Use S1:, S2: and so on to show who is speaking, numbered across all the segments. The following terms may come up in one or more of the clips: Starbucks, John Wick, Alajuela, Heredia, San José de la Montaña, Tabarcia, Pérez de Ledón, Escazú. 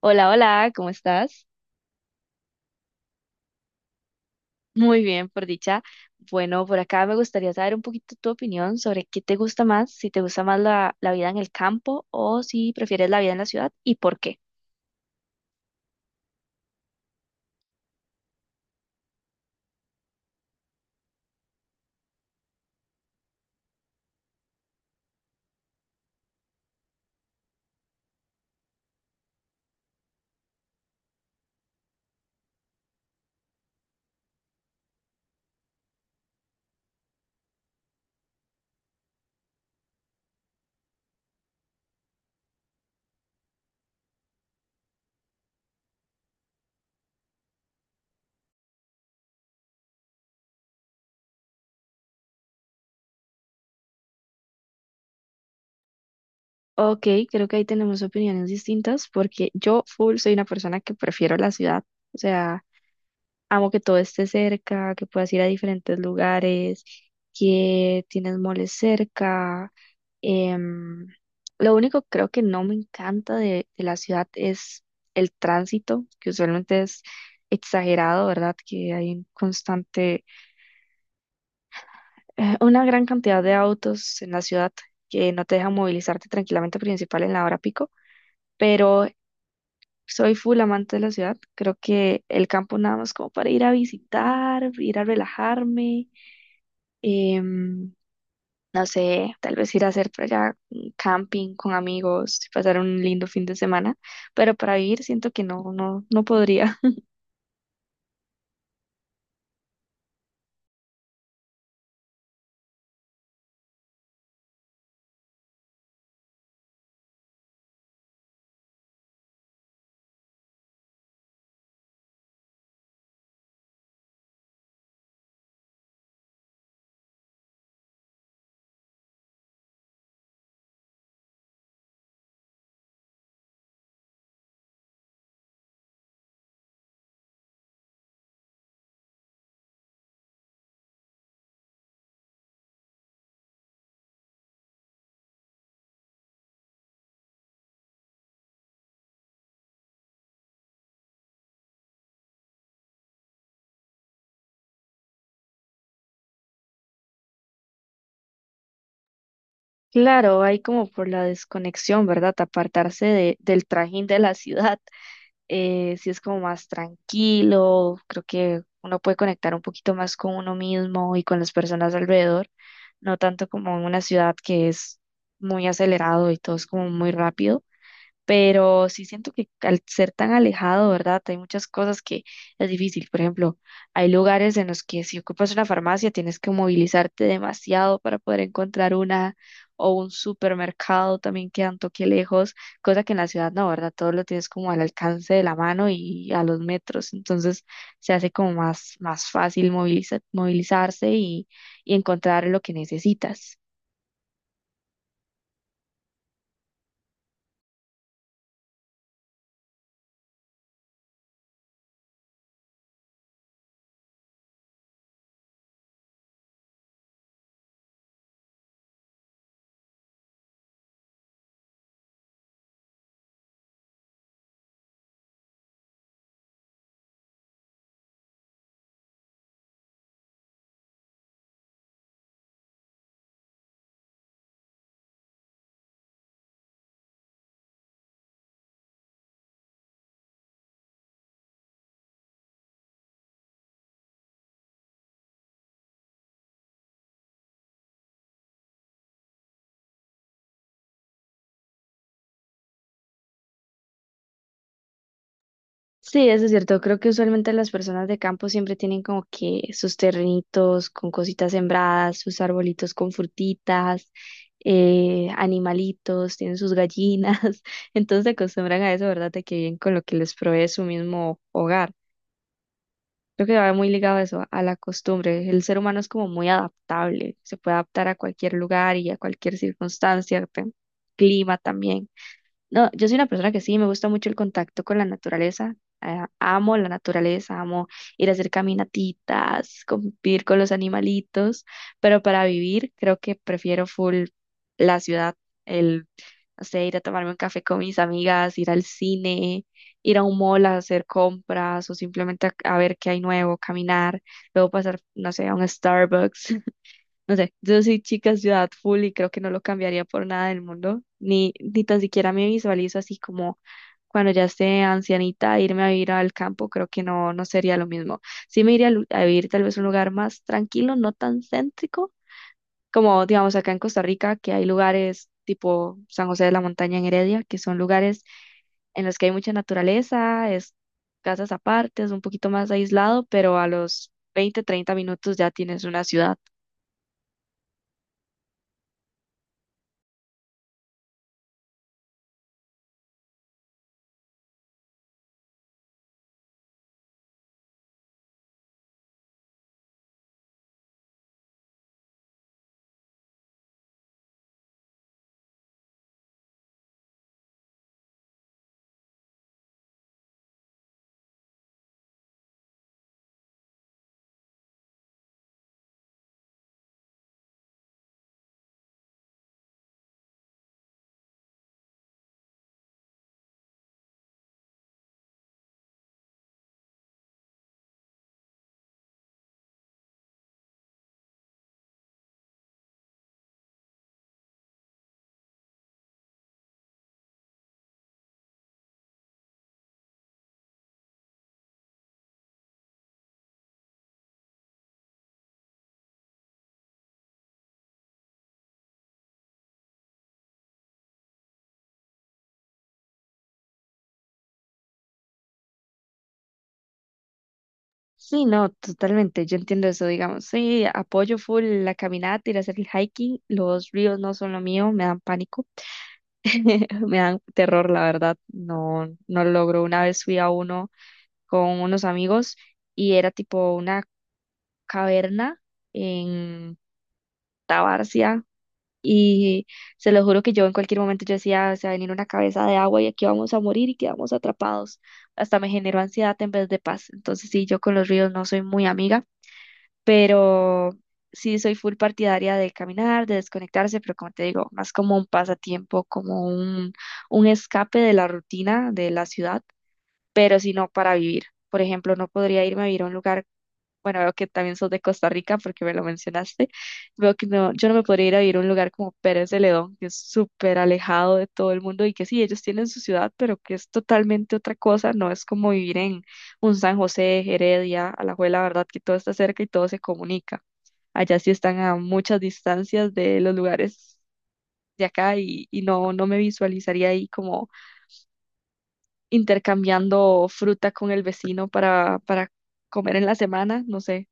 S1: Hola, hola, ¿cómo estás? Muy bien, por dicha. Bueno, por acá me gustaría saber un poquito tu opinión sobre qué te gusta más, si te gusta más la vida en el campo o si prefieres la vida en la ciudad y por qué. Ok, creo que ahí tenemos opiniones distintas porque yo full soy una persona que prefiero la ciudad. O sea, amo que todo esté cerca, que puedas ir a diferentes lugares, que tienes moles cerca. Em, lo único que creo que no me encanta de la ciudad es el tránsito, que usualmente es exagerado, ¿verdad? Que hay un constante, una gran cantidad de autos en la ciudad que no te dejan movilizarte tranquilamente, principal en la hora pico. Pero soy full amante de la ciudad. Creo que el campo nada más como para ir a visitar, ir a relajarme, em, no sé, tal vez ir a hacer por allá un camping con amigos, pasar un lindo fin de semana, pero para vivir siento que no, no, no podría. Claro, hay como por la desconexión, ¿verdad? Apartarse del trajín de la ciudad. Si es como más tranquilo, creo que uno puede conectar un poquito más con uno mismo y con las personas alrededor, no tanto como en una ciudad que es muy acelerado y todo es como muy rápido. Pero sí siento que al ser tan alejado, ¿verdad? Hay muchas cosas que es difícil. Por ejemplo, hay lugares en los que si ocupas una farmacia tienes que movilizarte demasiado para poder encontrar una o un supermercado también queda un toque lejos, cosa que en la ciudad no, ¿verdad? Todo lo tienes como al alcance de la mano y a los metros, entonces se hace como más, más fácil movilizarse y encontrar lo que necesitas. Sí, eso es cierto. Creo que usualmente las personas de campo siempre tienen como que sus terrenitos con cositas sembradas, sus arbolitos con frutitas, animalitos, tienen sus gallinas. Entonces se acostumbran a eso, ¿verdad? De que viven con lo que les provee su mismo hogar. Creo que va muy ligado a eso, a la costumbre. El ser humano es como muy adaptable, se puede adaptar a cualquier lugar y a cualquier circunstancia, clima también. No, yo soy una persona que sí, me gusta mucho el contacto con la naturaleza. Ah, amo la naturaleza, amo ir a hacer caminatitas, convivir con los animalitos, pero para vivir creo que prefiero full la ciudad. el, no sé, ir a tomarme un café con mis amigas, ir al cine, ir a un mall a hacer compras o simplemente a ver qué hay nuevo, caminar, luego pasar, no sé, a un Starbucks. No sé, yo soy chica ciudad full y creo que no lo cambiaría por nada del mundo, ni tan siquiera me visualizo así como cuando ya esté ancianita, irme a vivir al campo, creo que no, no sería lo mismo. Sí me iría a vivir tal vez a un lugar más tranquilo, no tan céntrico, como digamos acá en Costa Rica, que hay lugares tipo San José de la Montaña en Heredia, que son lugares en los que hay mucha naturaleza, es casas aparte, es un poquito más aislado, pero a los 20 30 minutos ya tienes una ciudad. Sí, no, totalmente, yo entiendo eso, digamos, sí, apoyo full la caminata, ir a hacer el hiking. Los ríos no son lo mío, me dan pánico, me dan terror, la verdad, no, no lo logro. Una vez fui a uno con unos amigos y era tipo una caverna en Tabarcia y se lo juro que yo en cualquier momento yo decía, se va a venir una cabeza de agua y aquí vamos a morir y quedamos atrapados, hasta me generó ansiedad en vez de paz. Entonces sí, yo con los ríos no soy muy amiga, pero sí soy full partidaria de caminar, de desconectarse, pero como te digo, más como un pasatiempo, como un escape de la rutina de la ciudad, pero si no para vivir. Por ejemplo, no podría irme a vivir a un lugar, bueno, veo que también sos de Costa Rica porque me lo mencionaste. Veo que no, yo no me podría ir a vivir a un lugar como Pérez de Ledón, que es súper alejado de todo el mundo y que sí, ellos tienen su ciudad, pero que es totalmente otra cosa. No es como vivir en un San José, Heredia, Alajuela, ¿verdad? Que todo está cerca y todo se comunica. Allá sí están a muchas distancias de los lugares de acá y no, no me visualizaría ahí como intercambiando fruta con el vecino para comer en la semana, no sé.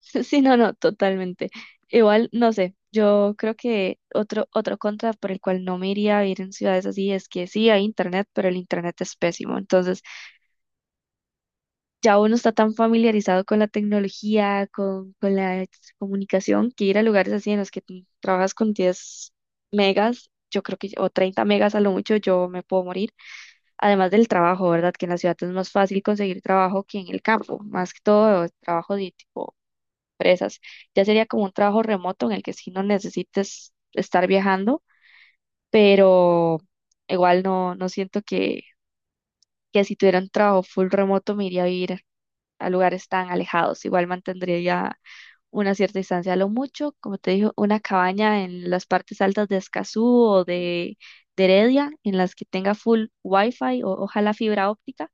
S1: Sí, no, no, totalmente. Igual, no sé, yo creo que otro contra por el cual no me iría a vivir en ciudades así es que sí hay internet, pero el internet es pésimo. Entonces, ya uno está tan familiarizado con la tecnología, con la comunicación, que ir a lugares así en los que tú trabajas con 10 megas, yo creo que, o 30 megas a lo mucho, yo me puedo morir. Además del trabajo, ¿verdad? Que en la ciudad es más fácil conseguir trabajo que en el campo, más que todo trabajo de tipo empresas. Ya sería como un trabajo remoto en el que sí no necesites estar viajando, pero igual no, no siento que, si tuviera un trabajo full remoto me iría a vivir a lugares tan alejados. Igual mantendría ya una cierta distancia. A lo mucho, como te digo, una cabaña en las partes altas de Escazú o de Heredia, en las que tenga full wifi o ojalá fibra óptica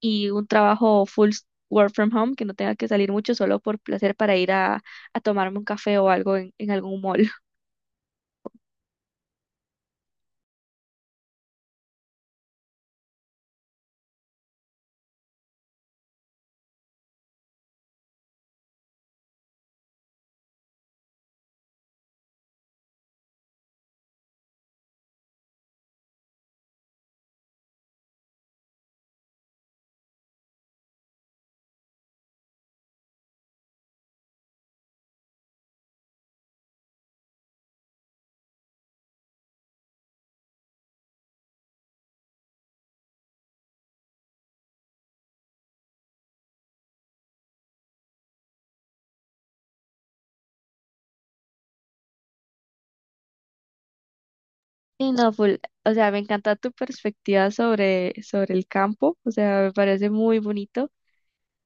S1: y un trabajo full work from home, que no tenga que salir mucho solo por placer para ir a tomarme un café o algo en algún mall. Y no, full, o sea, me encanta tu perspectiva sobre el campo, o sea, me parece muy bonito.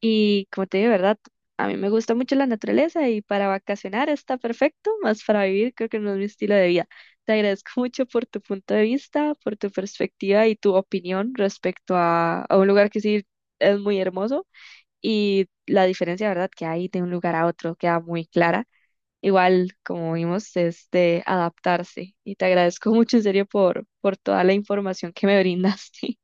S1: Y como te digo, ¿verdad? A mí me gusta mucho la naturaleza y para vacacionar está perfecto, más para vivir creo que no es mi estilo de vida. Te agradezco mucho por tu punto de vista, por tu perspectiva y tu opinión respecto a un lugar que sí es muy hermoso y la diferencia, ¿verdad?, que hay de un lugar a otro queda muy clara. Igual, como vimos, es de adaptarse y te agradezco mucho en serio por toda la información que me brindaste.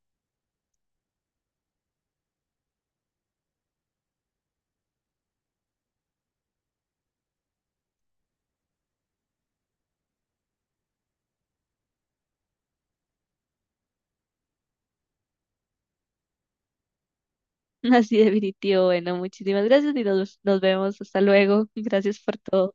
S1: Así definitivo. Bueno, muchísimas gracias y nos vemos. Hasta luego. Gracias por todo.